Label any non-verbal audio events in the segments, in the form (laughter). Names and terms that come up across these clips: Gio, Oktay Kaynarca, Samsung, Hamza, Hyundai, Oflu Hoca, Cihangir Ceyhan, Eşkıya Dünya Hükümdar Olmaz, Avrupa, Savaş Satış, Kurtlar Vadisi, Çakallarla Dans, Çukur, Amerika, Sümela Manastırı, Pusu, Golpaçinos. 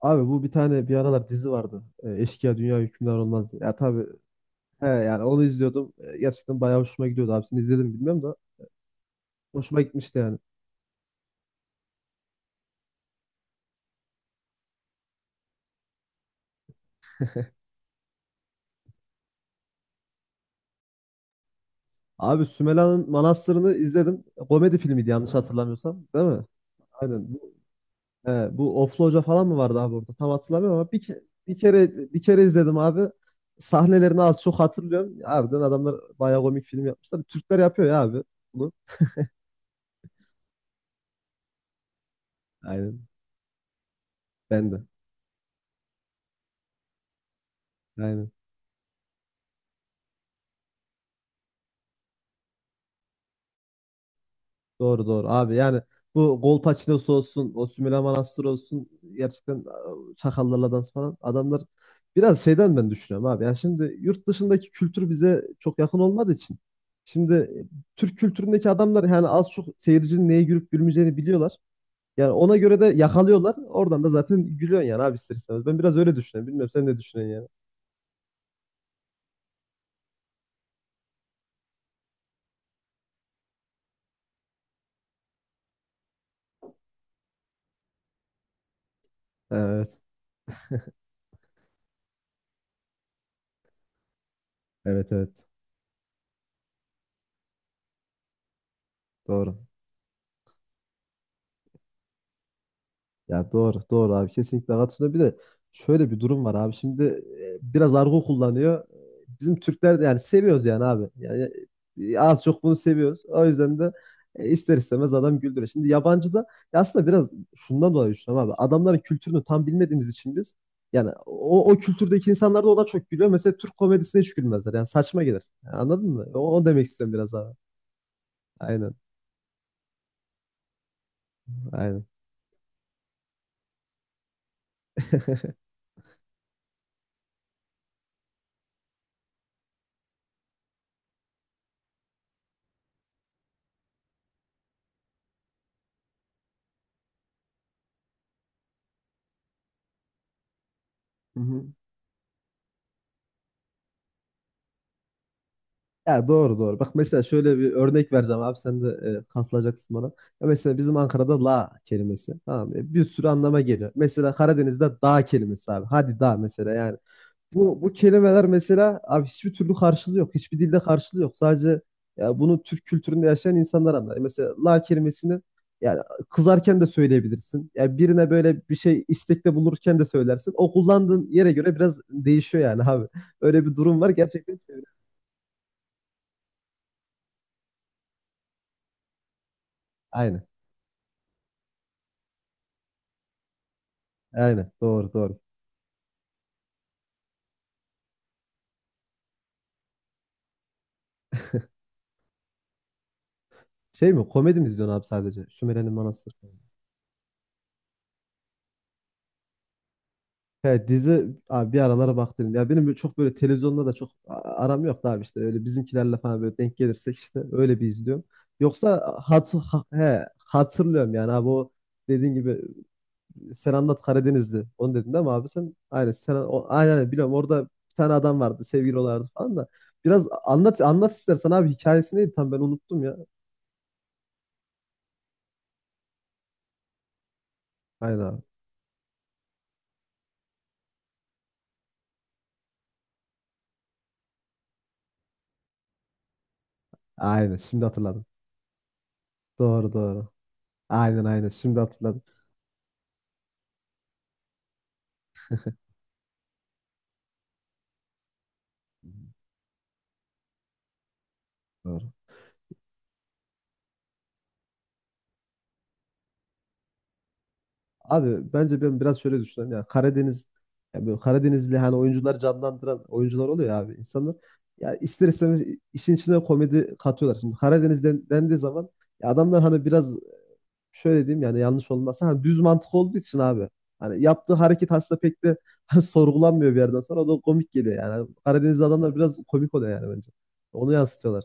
Abi bu bir tane bir aralar dizi vardı. Eşkıya Dünya Hükümdar Olmaz diye. Ya tabii he, yani onu izliyordum. Gerçekten bayağı hoşuma gidiyordu, abisini izledim mi bilmiyorum da hoşuma gitmişti yani. Abi Sümela'nın Manastırı'nı izledim. Komedi filmiydi yanlış hatırlamıyorsam, değil mi? Aynen. Bu Oflu Hoca falan mı vardı abi orada? Tam hatırlamıyorum ama bir kere izledim abi. Sahnelerini az çok hatırlıyorum. Harbiden adamlar bayağı komik film yapmışlar. Türkler yapıyor ya abi bunu. Aynen. Ben de. Aynen. Doğru doğru abi, yani bu Golpaçinos olsun, o Sümela Manastır olsun, gerçekten Çakallarla dans falan adamlar biraz şeyden ben düşünüyorum abi. Yani şimdi yurt dışındaki kültür bize çok yakın olmadığı için şimdi Türk kültüründeki adamlar yani az çok seyircinin neye gülüp gülmeyeceğini biliyorlar. Yani ona göre de yakalıyorlar. Oradan da zaten gülüyorsun yani abi, ister istemez. Ben biraz öyle düşünüyorum. Bilmiyorum sen ne düşünüyorsun yani. Evet. Evet evet. Doğru. Ya doğru, doğru abi, kesinlikle katılıyorum. Bir de şöyle bir durum var abi. Şimdi biraz argo kullanıyor. Bizim Türkler de yani seviyoruz yani abi. Yani az çok bunu seviyoruz. O yüzden de ister istemez adam güldürüyor. Şimdi yabancı da ya aslında biraz şundan dolayı düşünüyorum abi. Adamların kültürünü tam bilmediğimiz için biz, yani o kültürdeki insanlar da ona çok gülüyor. Mesela Türk komedisine hiç gülmezler. Yani saçma gelir. Yani anladın mı? O demek istiyorum biraz abi. Aynen, aynen. (laughs) Ya doğru doğru. Bak mesela şöyle bir örnek vereceğim abi, sen de katılacaksın bana. Ya mesela bizim Ankara'da la kelimesi tamam mı? Bir sürü anlama geliyor. Mesela Karadeniz'de dağ kelimesi abi. Hadi dağ mesela yani. Bu kelimeler mesela abi, hiçbir türlü karşılığı yok. Hiçbir dilde karşılığı yok. Sadece ya bunu Türk kültüründe yaşayan insanlar anlar. Mesela la kelimesini yani kızarken de söyleyebilirsin. Ya birine böyle bir şey istekte bulurken de söylersin. O kullandığın yere göre biraz değişiyor yani abi. Öyle bir durum var gerçekten. Aynen. Aynen. Doğru doğru. Şey mi? Komedi mi izliyorsun abi sadece? Sümelenin Manastırı falan. He, dizi abi, bir aralara bak dedim. Ya benim böyle çok böyle televizyonda da çok aram yok da abi, işte öyle bizimkilerle falan böyle denk gelirsek işte öyle bir izliyorum. Yoksa hatırlıyorum yani abi, o dediğin gibi sen anlat Karadenizli. Onu dedin değil mi abi sen? Aynen sen o, aynen aynen, biliyorum orada bir tane adam vardı, sevgili olardı falan da. Biraz anlat anlat istersen abi, hikayesi neydi tam ben unuttum ya. Aynen abi. Aynen şimdi hatırladım. Doğru doğru. Aynen aynen. Şimdi hatırladım. Doğru. Abi bence ben biraz şöyle düşünüyorum ya, Karadeniz, ya böyle Karadenizli hani oyuncular, canlandıran oyuncular oluyor ya abi, insanlar ya ister istemez işin içine komedi katıyorlar. Şimdi Karadeniz'den dendiği zaman ya adamlar hani biraz şöyle diyeyim yani, yanlış olmazsa, hani düz mantık olduğu için abi, hani yaptığı hareket aslında pek de (laughs) sorgulanmıyor, bir yerden sonra o da komik geliyor yani. Hani Karadenizli adamlar biraz komik oluyor yani, bence. Onu yansıtıyorlar.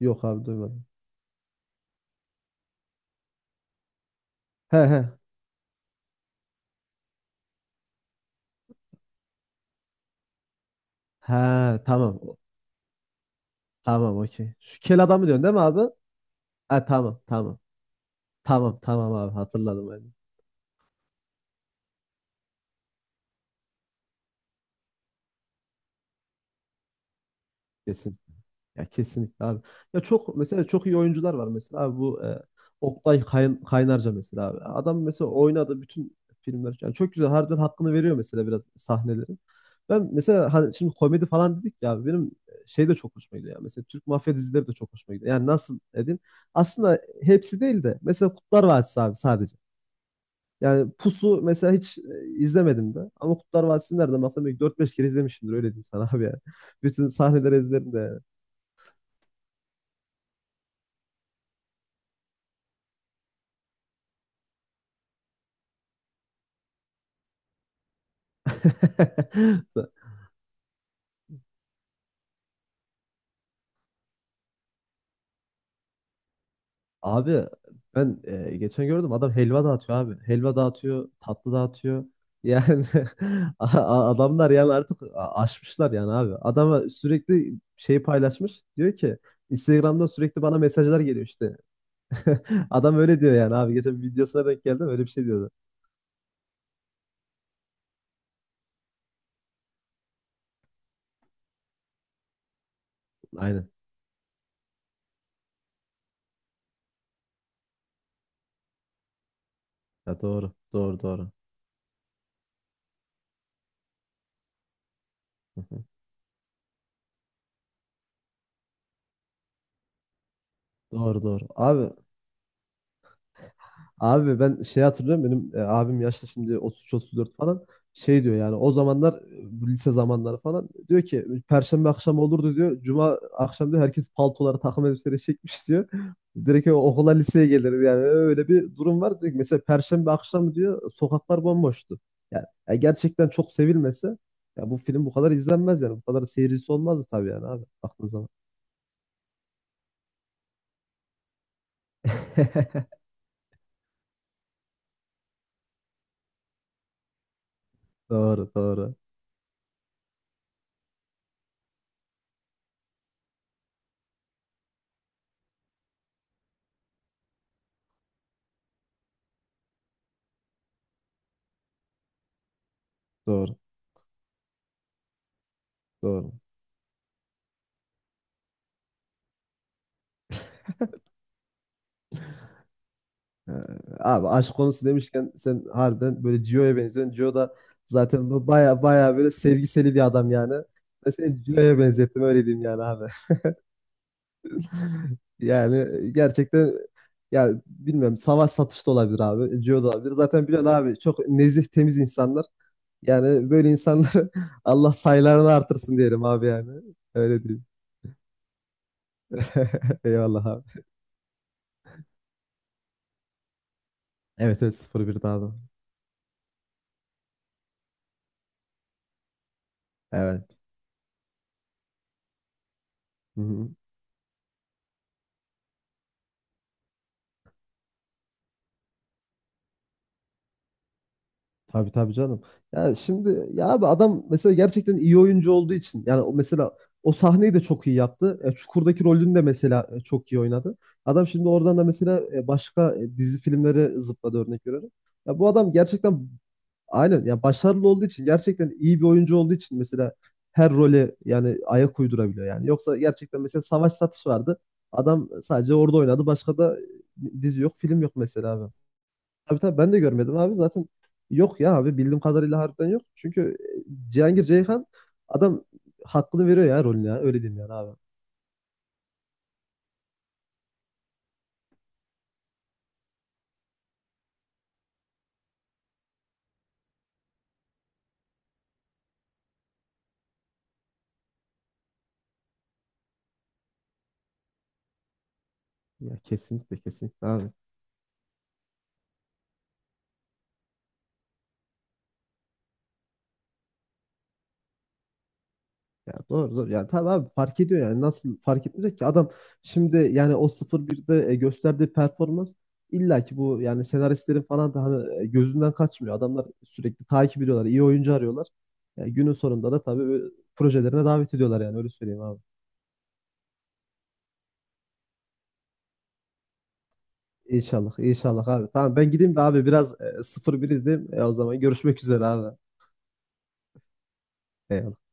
Yok abi, duymadım. He he. He tamam. Tamam okey. Şu kel adamı diyorsun değil mi abi? Ha, tamam tamam. Tamam tamam abi, hatırladım yani. Kesin. Ya kesinlikle abi. Ya çok mesela, çok iyi oyuncular var mesela abi, bu Oktay Kaynarca mesela abi. Adam mesela oynadı bütün filmler. Yani çok güzel, harbiden hakkını veriyor mesela, biraz sahnelerin. Ben mesela hani şimdi komedi falan dedik ya, benim şey de çok hoşuma gidiyor ya. Mesela Türk mafya dizileri de çok hoşuma gidiyor. Yani nasıl dedim? Aslında hepsi değil de mesela Kurtlar Vadisi abi sadece. Yani Pusu mesela hiç izlemedim de. Ama Kurtlar Vadisi'ni nereden baksam belki dört beş kere izlemişimdir, öyle diyeyim sana abi yani. (laughs) Bütün sahneleri ezberim de yani. (laughs) Abi ben geçen gördüm, adam helva dağıtıyor abi. Helva dağıtıyor, tatlı dağıtıyor. Yani (laughs) adamlar yani artık aşmışlar yani abi. Adama sürekli şey paylaşmış. Diyor ki Instagram'da sürekli bana mesajlar geliyor işte. (laughs) Adam öyle diyor yani abi. Geçen bir videosuna denk geldim, öyle bir şey diyordu. Aynen. Ya doğru. Doğru doğru. (laughs) Doğru doğru. Abi abi ben şey hatırlıyorum, benim abim yaşta şimdi 33-34 falan, şey diyor yani o zamanlar bu lise zamanları falan, diyor ki Perşembe akşamı olurdu diyor. Cuma akşam diyor, herkes paltoları takım elbiseleri çekmiş diyor. Direkt okula, liseye gelirdi yani, öyle bir durum var. Diyor ki, mesela Perşembe akşamı diyor sokaklar bomboştu. Yani, gerçekten çok sevilmese ya bu film bu kadar izlenmez yani, bu kadar seyircisi olmazdı tabii yani abi, baktığın zaman. (laughs) Doğru doğru doğru doğru. Ee, Abi aşk konusu demişken sen harbiden böyle Gio'ya benziyorsun. Gio da zaten bu baya baya böyle sevgiseli bir adam yani. Ben seni Gio'ya benzettim, öyle diyeyim yani abi. (laughs) Yani gerçekten, yani bilmiyorum, savaş satış da olabilir abi. Gio da olabilir. Zaten biliyorsun abi, çok nezih temiz insanlar. Yani böyle insanları (laughs) Allah sayılarını artırsın diyelim abi yani. Öyle diyeyim. (laughs) Eyvallah abi. Evet evet, 0-1'di abi. Evet. Hı hı. Tabii tabii canım. Ya şimdi ya abi, adam mesela gerçekten iyi oyuncu olduğu için, yani o mesela o sahneyi de çok iyi yaptı. Çukur'daki rolünü de mesela çok iyi oynadı. Adam şimdi oradan da mesela başka dizi filmleri zıpladı, örnek veriyorum. Ya bu adam gerçekten, aynen ya, başarılı olduğu için, gerçekten iyi bir oyuncu olduğu için mesela her role yani ayak uydurabiliyor yani. Yoksa gerçekten mesela Savaş Satış vardı. Adam sadece orada oynadı. Başka da dizi yok, film yok mesela abi. Tabii tabii ben de görmedim abi. Zaten yok ya abi, bildiğim kadarıyla harbiden yok. Çünkü Cihangir Ceyhan adam hakkını veriyor ya rolüne ya. Öyle diyeyim yani abi. Kesinlikle abi. Ya doğru doğru. Yani tabii abi, fark ediyor yani. Nasıl fark etmeyecek ki? Adam şimdi yani o sıfır birde gösterdiği performans illa ki bu yani senaristlerin falan da hani gözünden kaçmıyor. Adamlar sürekli takip ediyorlar, iyi oyuncu arıyorlar. Yani günün sonunda da tabii böyle projelerine davet ediyorlar yani, öyle söyleyeyim abi. İnşallah, inşallah abi. Tamam ben gideyim de abi, biraz 0-1 izleyeyim. O zaman görüşmek üzere abi. E,